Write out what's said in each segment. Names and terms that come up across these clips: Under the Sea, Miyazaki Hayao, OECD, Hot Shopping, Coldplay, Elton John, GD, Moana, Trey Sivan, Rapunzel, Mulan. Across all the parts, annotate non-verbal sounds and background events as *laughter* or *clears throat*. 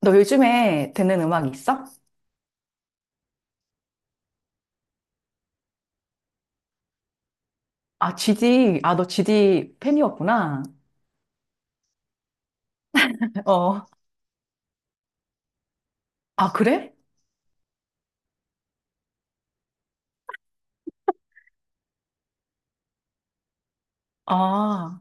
너 요즘에 듣는 음악 있어? 아, GD. 아, 너 GD 팬이었구나. 어. 아, 그래? 아,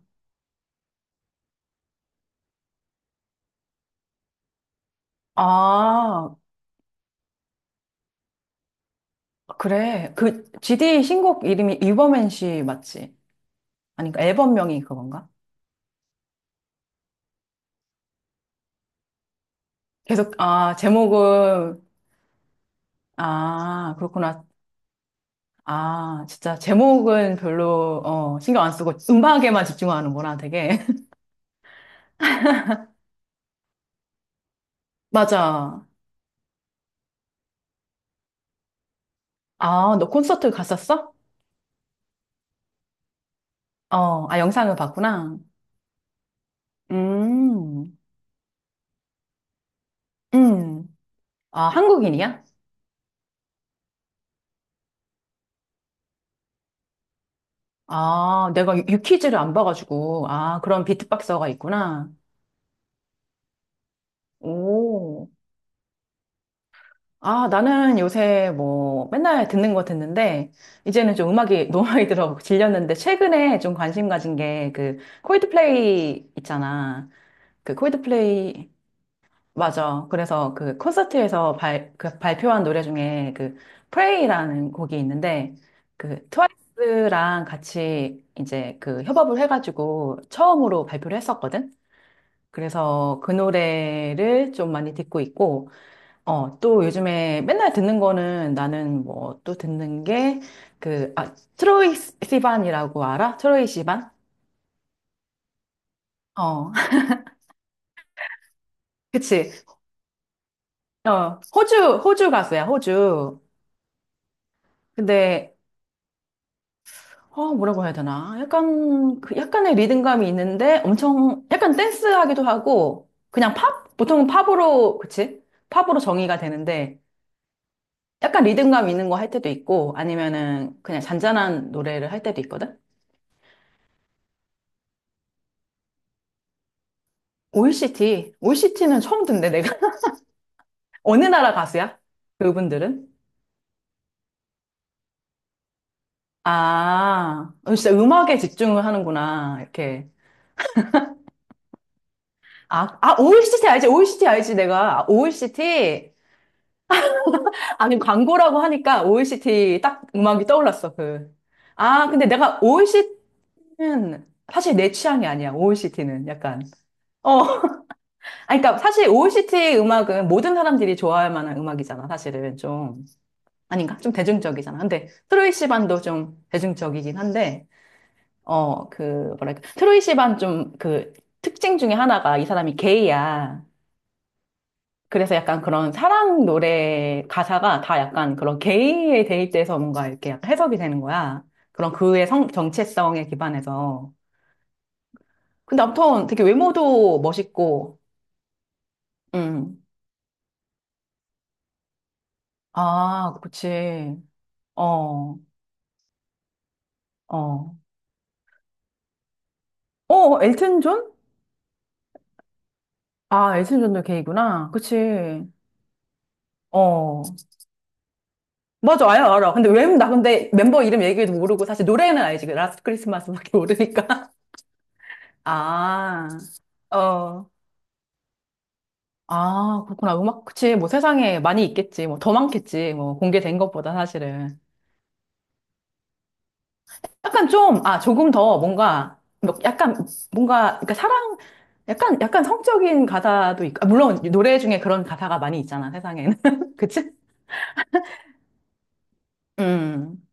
아, 그래. 그, GD 신곡 이름이 이버맨 씨 맞지? 아니, 그 앨범명이 그건가? 계속, 아, 제목은, 아, 그렇구나. 아, 진짜, 제목은 별로, 어, 신경 안 쓰고 음악에만 집중하는구나, 되게. *laughs* 맞아. 아, 너 콘서트 갔었어? 어, 아, 영상을 봤구나. 음, 음. 아, 한국인이야? 아, 내가 유퀴즈를 안 봐가지고. 아, 그런 비트박서가 있구나. 오. 아, 나는 요새 뭐 맨날 듣는 거 듣는데, 이제는 좀 음악이 *laughs* 너무 많이 들어 질렸는데, 최근에 좀 관심 가진 게 그, 콜드플레이 있잖아. 그 콜드플레이, 맞아. 그래서 그 콘서트에서 그 발표한 노래 중에 그 Pray라는 곡이 있는데 그 트와이스랑 같이 이제 그 협업을 해가지고 처음으로 발표를 했었거든. 그래서 그 노래를 좀 많이 듣고 있고, 어, 또 요즘에 맨날 듣는 거는 나는 뭐 또 듣는 게 그, 아, 트로이 시반이라고 알아? 트로이 시반? 어, *laughs* 그치. 어, 호주, 호주 가수야, 호주. 근데 어, 뭐라고 해야 되나? 약간, 그 약간의 리듬감이 있는데 엄청, 약간 댄스하기도 하고, 그냥 팝? 보통은 팝으로, 그치? 팝으로 정의가 되는데, 약간 리듬감 있는 거 할 때도 있고, 아니면은 그냥 잔잔한 노래를 할 때도 있거든? OECD. OECT는 처음 듣는데, 내가. *laughs* 어느 나라 가수야? 그분들은? 아, 어, 진짜 음악에 집중을 하는구나. 이렇게. 아, 아, OECD 알지? OECD 알지? 내가. 아, OECD? 아니, 광고라고 하니까 OECD 딱 음악이 떠올랐어, 그. 아, 근데 내가 OECT는 사실 내 취향이 아니야, OECT는. 약간. 어. 아니, 그러니까 사실 OECD 음악은 모든 사람들이 좋아할 만한 음악이잖아, 사실은 좀. 아닌가? 좀 대중적이잖아. 근데 트로이 시반도 좀 대중적이긴 한데, 어, 그, 뭐랄까. 트로이 시반 좀 그 특징 중에 하나가 이 사람이 게이야. 그래서 약간 그런 사랑 노래 가사가 다 약간 그런 게이에 대입돼서 뭔가 이렇게 약간 해석이 되는 거야. 그런 그의 성, 정체성에 기반해서. 근데 아무튼 되게 외모도 멋있고, 음. 아, 그치. 어, 어. 어, 엘튼 존? 아, 엘튼 존도 게이구나. 그치. 어. 맞아, 알아, 알아. 근데 왜, 나 근데 멤버 이름 얘기도 모르고 사실 노래는 알지. 라스트 크리스마스밖에 모르니까. *laughs* 아, 어. 아, 그렇구나. 음악, 그치. 뭐 세상에 많이 있겠지. 뭐 더 많겠지. 뭐 공개된 것보다 사실은. 약간 좀, 아, 조금 더 뭔가, 뭐 약간 뭔가, 그러니까 사랑, 약간, 약간 성적인 가사도 있고, 아, 물론 노래 중에 그런 가사가 많이 있잖아, 세상에는. *laughs* 그치? 음,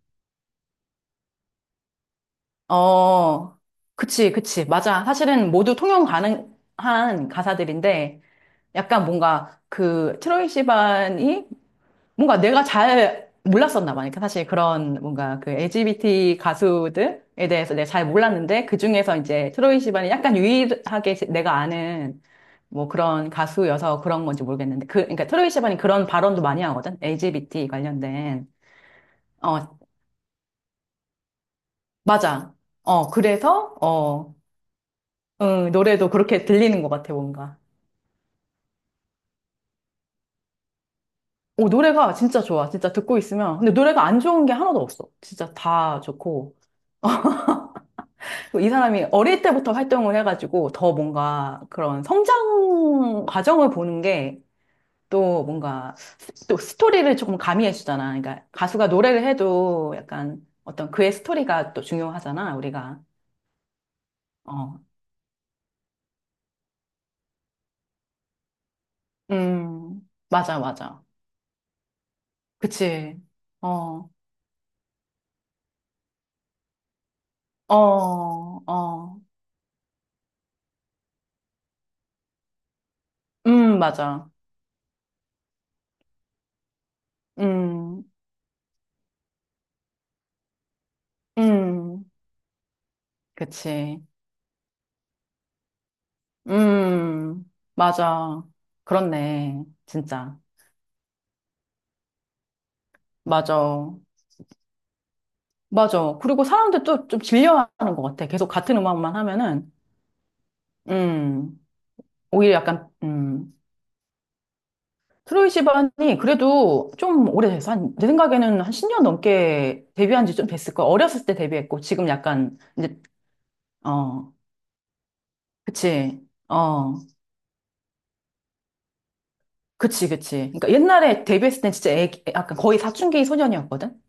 어, 그치, 그치. 맞아. 사실은 모두 통용 가능한 가사들인데, 약간 뭔가 그 트로이 시반이 뭔가 내가 잘 몰랐었나 봐. 그러니까 사실 그런 뭔가 그 LGBT 가수들에 대해서 내가 잘 몰랐는데 그 중에서 이제 트로이 시반이 약간 유일하게 내가 아는 뭐 그런 가수여서 그런 건지 모르겠는데 그 그러니까 트로이 시반이 그런 발언도 많이 하거든. LGBT 관련된. 어, 맞아. 어, 그래서 어, 응, 노래도 그렇게 들리는 것 같아, 뭔가. 오, 노래가 진짜 좋아. 진짜 듣고 있으면. 근데 노래가 안 좋은 게 하나도 없어. 진짜 다 좋고. 이 사람이 어릴 때부터 활동을 해가지고 더 뭔가 그런 성장 과정을 보는 게 또 뭔가 또 스토리를 조금 가미해 주잖아. 그러니까 가수가 노래를 해도 약간 어떤 그의 스토리가 또 중요하잖아, 우리가. 어. 맞아, 맞아. 그치. 어, 어, 어. 맞아. 음, 음. 그치. 음, 맞아. 그렇네. 진짜. 맞아. 맞아. 그리고 사람들 또 좀 질려하는 것 같아. 계속 같은 음악만 하면은, 음, 오히려 약간, 트로이 시반이 그래도 좀 오래돼서 한, 내 생각에는 한 10년 넘게 데뷔한 지 좀 됐을 거야. 어렸을 때 데뷔했고, 지금 약간, 이제, 어, 그치, 어, 그치, 그치. 그러니까 옛날에 데뷔했을 땐 진짜 애기, 약간 거의 사춘기 소년이었거든?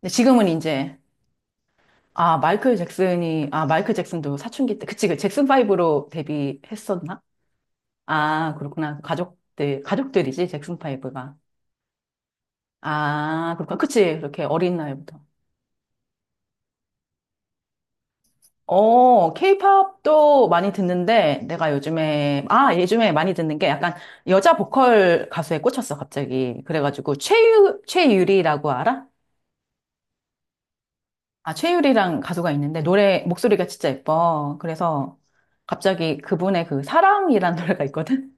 근데 지금은 이제, 아, 마이클 잭슨이, 아, 마이클 잭슨도 사춘기 때, 그치, 그 잭슨 5로 데뷔했었나? 아, 그렇구나. 가족들, 가족들이지, 잭슨 파이브가. 아, 그렇구나. 그치. 그렇게 어린 나이부터. 어, 케이팝도 많이 듣는데, 내가 요즘에, 아, 요즘에 많이 듣는 게 약간 여자 보컬 가수에 꽂혔어, 갑자기. 그래가지고, 최유리라고 알아? 아, 최유리랑 가수가 있는데, 노래, 목소리가 진짜 예뻐. 그래서, 갑자기 그분의 그 사랑이란 *laughs* 노래가 있거든?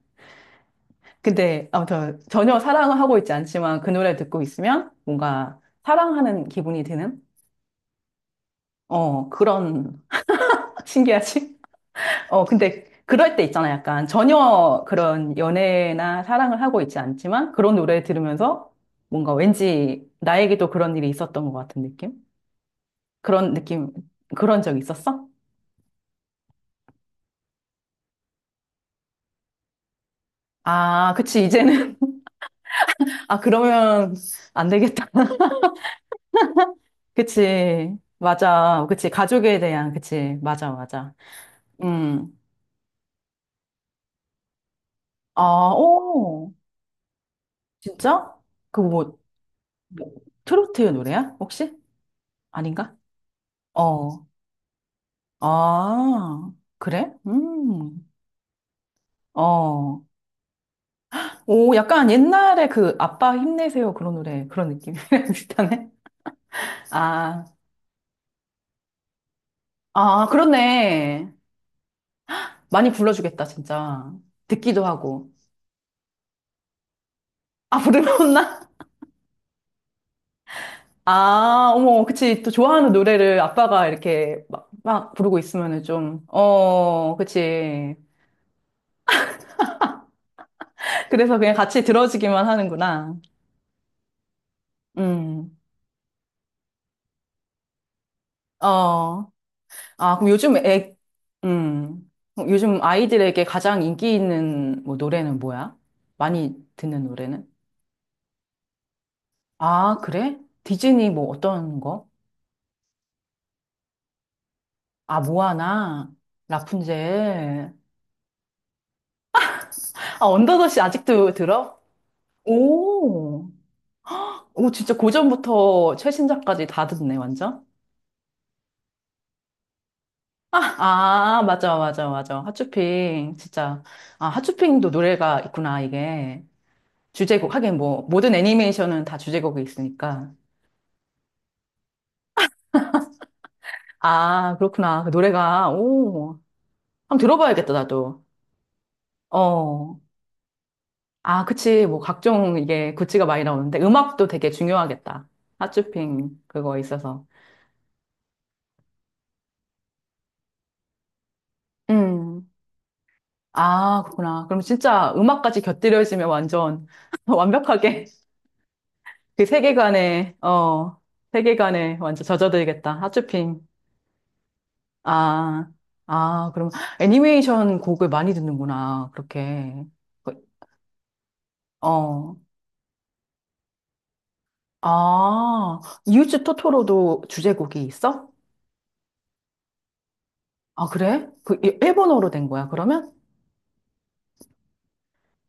근데, 아무튼, 전혀 사랑을 하고 있지 않지만, 그 노래 듣고 있으면, 뭔가, 사랑하는 기분이 드는? 어, 그런, *laughs* 신기하지? 어, 근데 그럴 때 있잖아. 약간 전혀 그런 연애나 사랑을 하고 있지 않지만 그런 노래 들으면서 뭔가 왠지 나에게도 그런 일이 있었던 것 같은 느낌? 그런 느낌, 그런 적 있었어? 아, 그치. 이제는, *laughs* 아, 그러면 안 되겠다. *laughs* 그치. 맞아. 그치. 가족에 대한, 그치. 맞아, 맞아. 음. 아, 오. 진짜? 그 뭐, 뭐 트로트의 노래야? 혹시? 아닌가? 어. 아, 그래? 어. 오, 약간 옛날에 그 아빠 힘내세요 그런 노래, 그런 느낌이랑 *laughs* 비슷하네. 아, 아, 그렇네. 많이 불러주겠다, 진짜. 듣기도 하고. 아, 부르나? 아, 어머, 그치. 또 좋아하는 노래를 아빠가 이렇게 막, 막 부르고 있으면은 좀, 어, 그치. 그래서 그냥 같이 들어주기만 하는구나. 음, 어. 아, 그럼 요즘 애, 그럼 요즘 아이들에게 가장 인기 있는 뭐 노래는 뭐야? 많이 듣는 노래는? 아, 그래? 디즈니 뭐 어떤 거? 아, 모아나, 라푼젤. 아, 언더더시 아직도 들어? 오, 오, 진짜 고전부터 최신작까지 다 듣네, 완전? 아, 맞아, 맞아, 맞아. 핫쇼핑, 진짜. 아, 핫쇼핑도 노래가 있구나, 이게. 주제곡, 하긴 뭐, 모든 애니메이션은 다 주제곡이 있으니까. 아, 그렇구나. 그 노래가, 오, 한번 들어봐야겠다, 나도. 어. 아, 그치. 뭐, 각종 이게 굿즈가 많이 나오는데, 음악도 되게 중요하겠다. 핫쇼핑, 그거 있어서. 음. 아, 그렇구나. 그럼 진짜 음악까지 곁들여지면 완전 *laughs* 완벽하게 그 세계관에, 어, 세계관에 완전 젖어들겠다. 핫쇼핑. 아, 아, 그럼 애니메이션 곡을 많이 듣는구나. 그렇게. 어. 아, 이웃집 토토로도 주제곡이 있어? 아, 그래? 그 일본어로 된 거야, 그러면?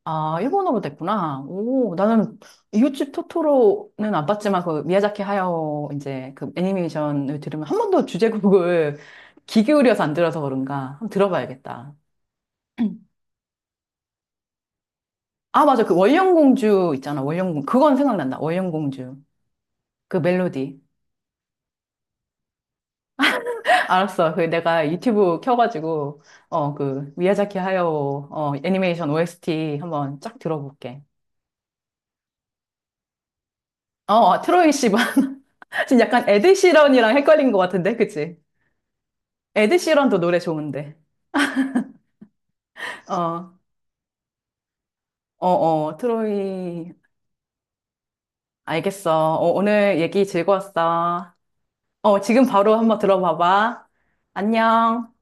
아, 일본어로 됐구나. 오, 나는 이웃집 토토로는 안 봤지만 그 미야자키 하야오 이제 그 애니메이션을 들으면 한 번도 주제곡을 *laughs* 귀 기울여서 안 들어서 그런가. 한번 들어봐야겠다. *clears throat* 아, 맞아. 그 월령공주 있잖아. 월령공 그건 생각난다. 월령공주. 그 멜로디. 알았어. 그 내가 유튜브 켜가지고 어 그 미야자키 하야오 어 애니메이션 OST 한번 쫙 들어볼게. 어, 어, 트로이 씨 봐. *laughs* 지금 약간 에드 시런이랑 헷갈린 것 같은데, 그치? 에드 시런도 노래 좋은데. 어, 어, 어, 트로이. 알겠어. 어, 오늘 얘기 즐거웠어. 어, 지금 바로 한번 들어봐봐. 안녕.